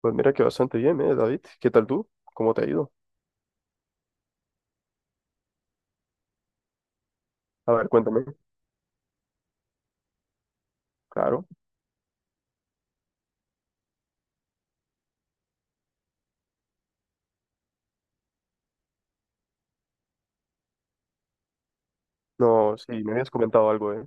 Pues mira que bastante bien, ¿eh, David? ¿Qué tal tú? ¿Cómo te ha ido? A ver, cuéntame. Claro. No, sí, me habías comentado algo, ¿eh?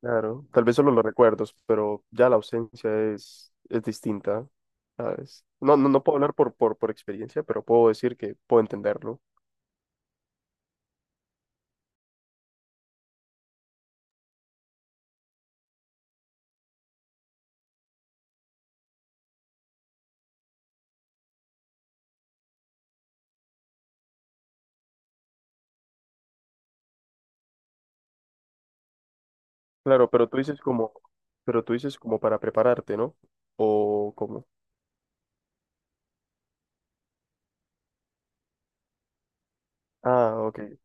Claro. Tal vez solo los recuerdos, pero ya la ausencia es distinta, ¿sabes? No, no, no puedo hablar por experiencia, pero puedo decir que puedo entenderlo. Claro, pero tú dices como, pero tú dices como para prepararte, ¿no? O como. Ah, ok.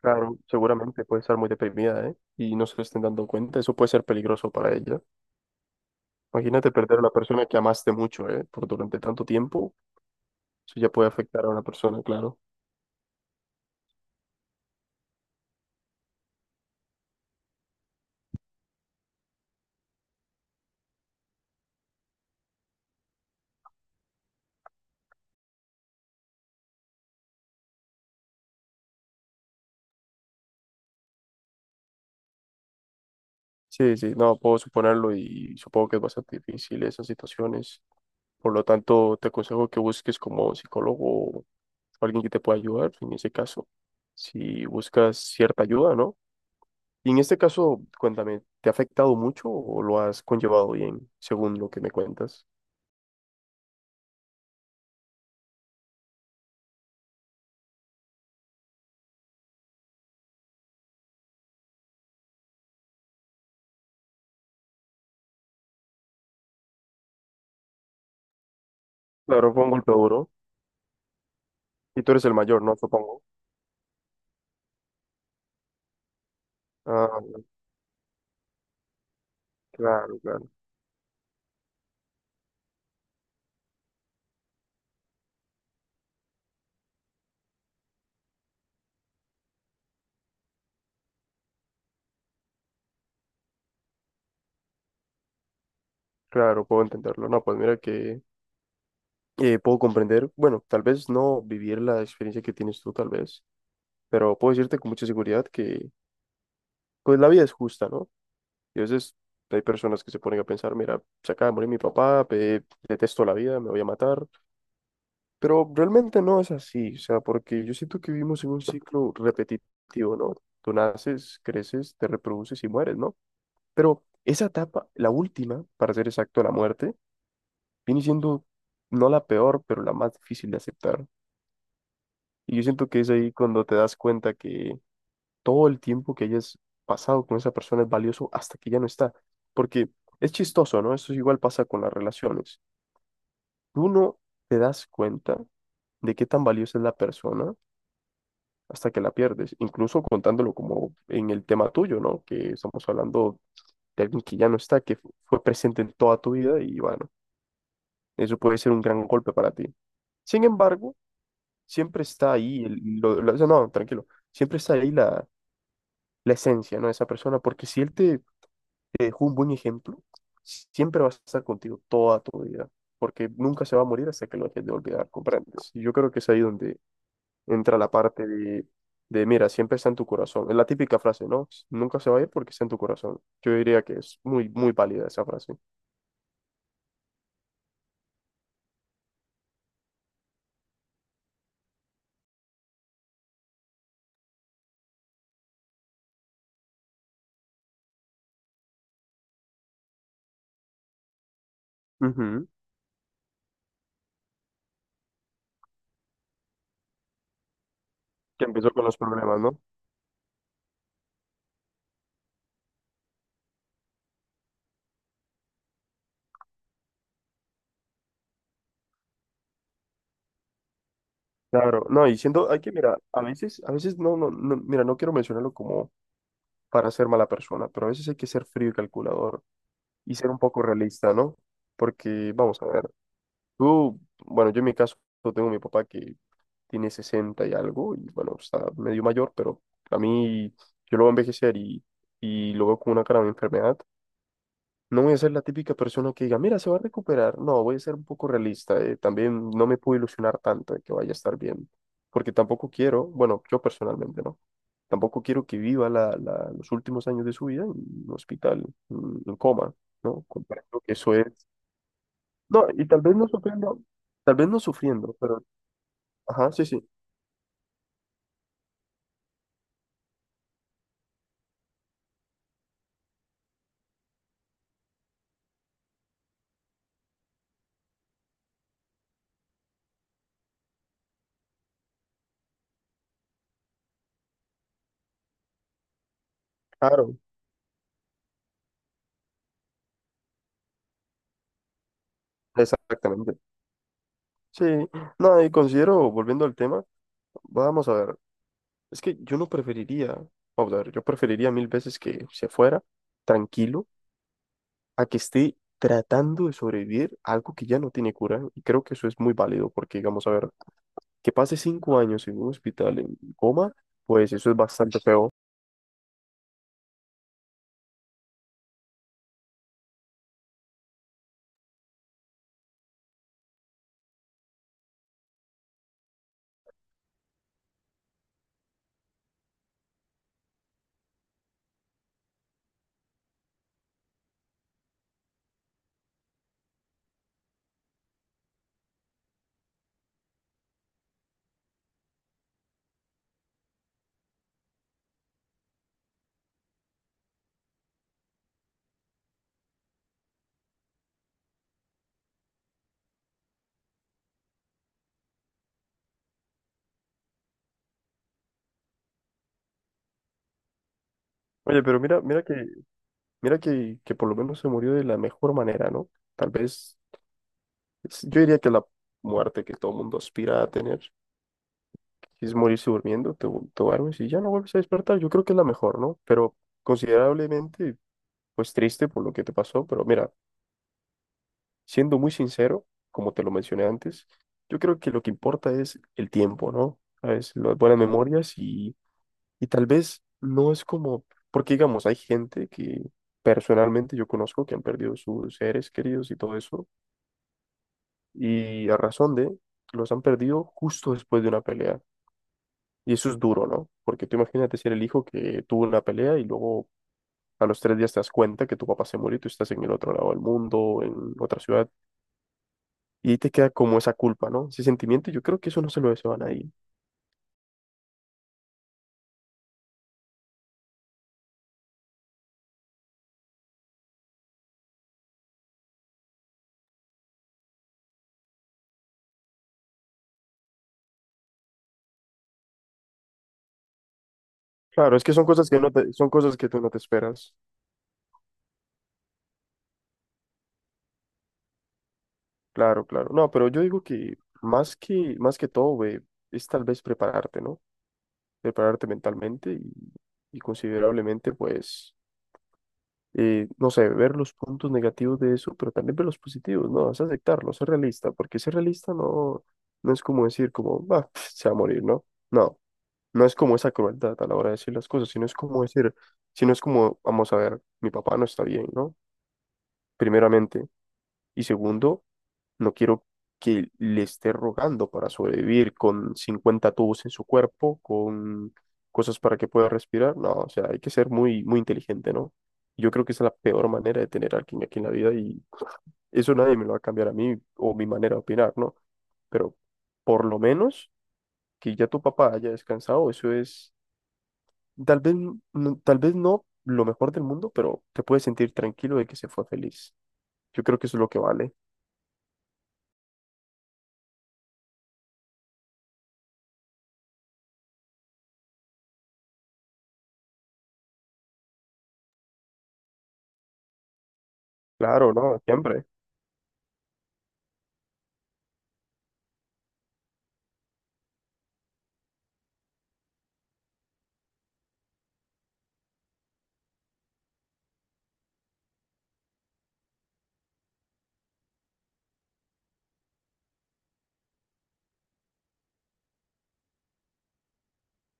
Claro, seguramente puede estar muy deprimida, ¿eh? Y no se lo estén dando cuenta. Eso puede ser peligroso para ella. Imagínate perder a la persona que amaste mucho, ¿eh? Por durante tanto tiempo. Eso ya puede afectar a una persona, claro. Sí, sí, no, puedo suponerlo y supongo que es bastante difícil esas situaciones. Por lo tanto, te aconsejo que busques como psicólogo o alguien que te pueda ayudar en ese caso, si buscas cierta ayuda, ¿no? Y en este caso, cuéntame, ¿te ha afectado mucho o lo has conllevado bien, según lo que me cuentas? Claro, fue un golpe duro. Y tú eres el mayor, ¿no? Supongo. Ah, claro, claro. Claro, puedo entenderlo. No, pues mira que puedo comprender, bueno, tal vez no vivir la experiencia que tienes tú, tal vez, pero puedo decirte con mucha seguridad que pues la vida es justa, ¿no? Y a veces hay personas que se ponen a pensar, mira, se acaba de morir mi papá, detesto la vida, me voy a matar, pero realmente no es así, o sea, porque yo siento que vivimos en un ciclo repetitivo, ¿no? Tú naces, creces, te reproduces y mueres, ¿no? Pero esa etapa, la última, para ser exacto, la muerte, viene siendo no la peor, pero la más difícil de aceptar. Y yo siento que es ahí cuando te das cuenta que todo el tiempo que hayas pasado con esa persona es valioso hasta que ya no está. Porque es chistoso, ¿no? Eso igual pasa con las relaciones. Tú no te das cuenta de qué tan valiosa es la persona hasta que la pierdes, incluso contándolo como en el tema tuyo, ¿no? Que estamos hablando de alguien que ya no está, que fue presente en toda tu vida y bueno, eso puede ser un gran golpe para ti. Sin embargo, siempre está ahí, eso no, tranquilo, siempre está ahí la esencia, ¿no? De esa persona, porque si él te dejó un buen ejemplo, si, siempre va a estar contigo toda tu vida, porque nunca se va a morir hasta que lo dejes de olvidar, ¿comprendes? Y yo creo que es ahí donde entra la parte de, mira, siempre está en tu corazón, es la típica frase, ¿no? Nunca se va a ir porque está en tu corazón. Yo diría que es muy, muy válida esa frase. Ujú. Que empezó con los problemas, ¿no? Claro, no, y siendo, hay que, mira, a veces no, no, no, mira, no quiero mencionarlo como para ser mala persona, pero a veces hay que ser frío y calculador y ser un poco realista, ¿no? Porque, vamos a ver, tú, bueno, yo en mi caso tengo a mi papá que tiene 60 y algo, y bueno, está medio mayor, pero a mí yo lo voy a envejecer y lo veo con una cara de enfermedad. No voy a ser la típica persona que diga, mira, se va a recuperar. No, voy a ser un poco realista. También no me puedo ilusionar tanto de que vaya a estar bien, porque tampoco quiero, bueno, yo personalmente, ¿no? Tampoco quiero que viva los últimos años de su vida en un hospital, en coma, ¿no? Comprendo que eso es... No, y tal vez no sufriendo, tal vez no sufriendo, pero... Ajá, sí, sí, claro, exactamente. Sí, no, y considero, volviendo al tema, vamos a ver, es que yo no preferiría, vamos a ver, yo preferiría mil veces que se fuera tranquilo a que esté tratando de sobrevivir a algo que ya no tiene cura, y creo que eso es muy válido, porque, digamos, a ver, que pase 5 años en un hospital en coma, pues eso es bastante feo. Oye, pero mira, mira que por lo menos se murió de la mejor manera, ¿no? Tal vez, yo diría que la muerte que todo mundo aspira a tener, es morirse durmiendo, te duermes y ya no vuelves a despertar, yo creo que es la mejor, ¿no? Pero considerablemente, pues triste por lo que te pasó, pero mira, siendo muy sincero, como te lo mencioné antes, yo creo que lo que importa es el tiempo, ¿no? ¿Sabes? Las buenas memorias. Y tal vez no es como, porque digamos, hay gente que personalmente yo conozco que han perdido sus seres queridos y todo eso, y a razón los han perdido justo después de una pelea. Y eso es duro, ¿no? Porque tú imagínate ser el hijo que tuvo una pelea y luego a los 3 días te das cuenta que tu papá se murió y tú estás en el otro lado del mundo, en otra ciudad, y ahí te queda como esa culpa, ¿no? Ese sentimiento, yo creo que eso no se lo deseo a nadie. Claro, es que son cosas que no son cosas que tú no te esperas. Claro, claro. No, pero yo digo que más que, más que todo, güey, es tal vez prepararte, ¿no? Prepararte mentalmente y considerablemente, pues, no sé, ver los puntos negativos de eso, pero también ver los positivos, ¿no? Es aceptarlo, ser realista, porque ser realista no, no es como decir como, va, se va a morir, ¿no? No, no es como esa crueldad a la hora de decir las cosas, sino es como decir, sino es como, vamos a ver, mi papá no está bien, ¿no? Primeramente. Y segundo, no quiero que le esté rogando para sobrevivir con 50 tubos en su cuerpo, con cosas para que pueda respirar. No, o sea, hay que ser muy, muy inteligente, ¿no? Yo creo que esa es la peor manera de tener a alguien aquí en la vida y eso nadie me lo va a cambiar a mí o mi manera de opinar, ¿no? Pero por lo menos que ya tu papá haya descansado, eso es tal vez, tal vez no lo mejor del mundo, pero te puedes sentir tranquilo de que se fue feliz. Yo creo que eso es lo que vale. Claro, ¿no? Siempre.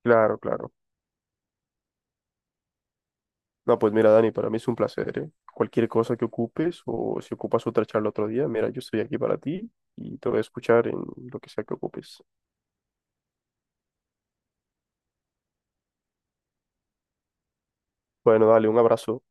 Claro, claro. No, pues mira, Dani, para mí es un placer, ¿eh? Cualquier cosa que ocupes o si ocupas otra charla otro día, mira, yo estoy aquí para ti y te voy a escuchar en lo que sea que ocupes. Bueno, dale, un abrazo.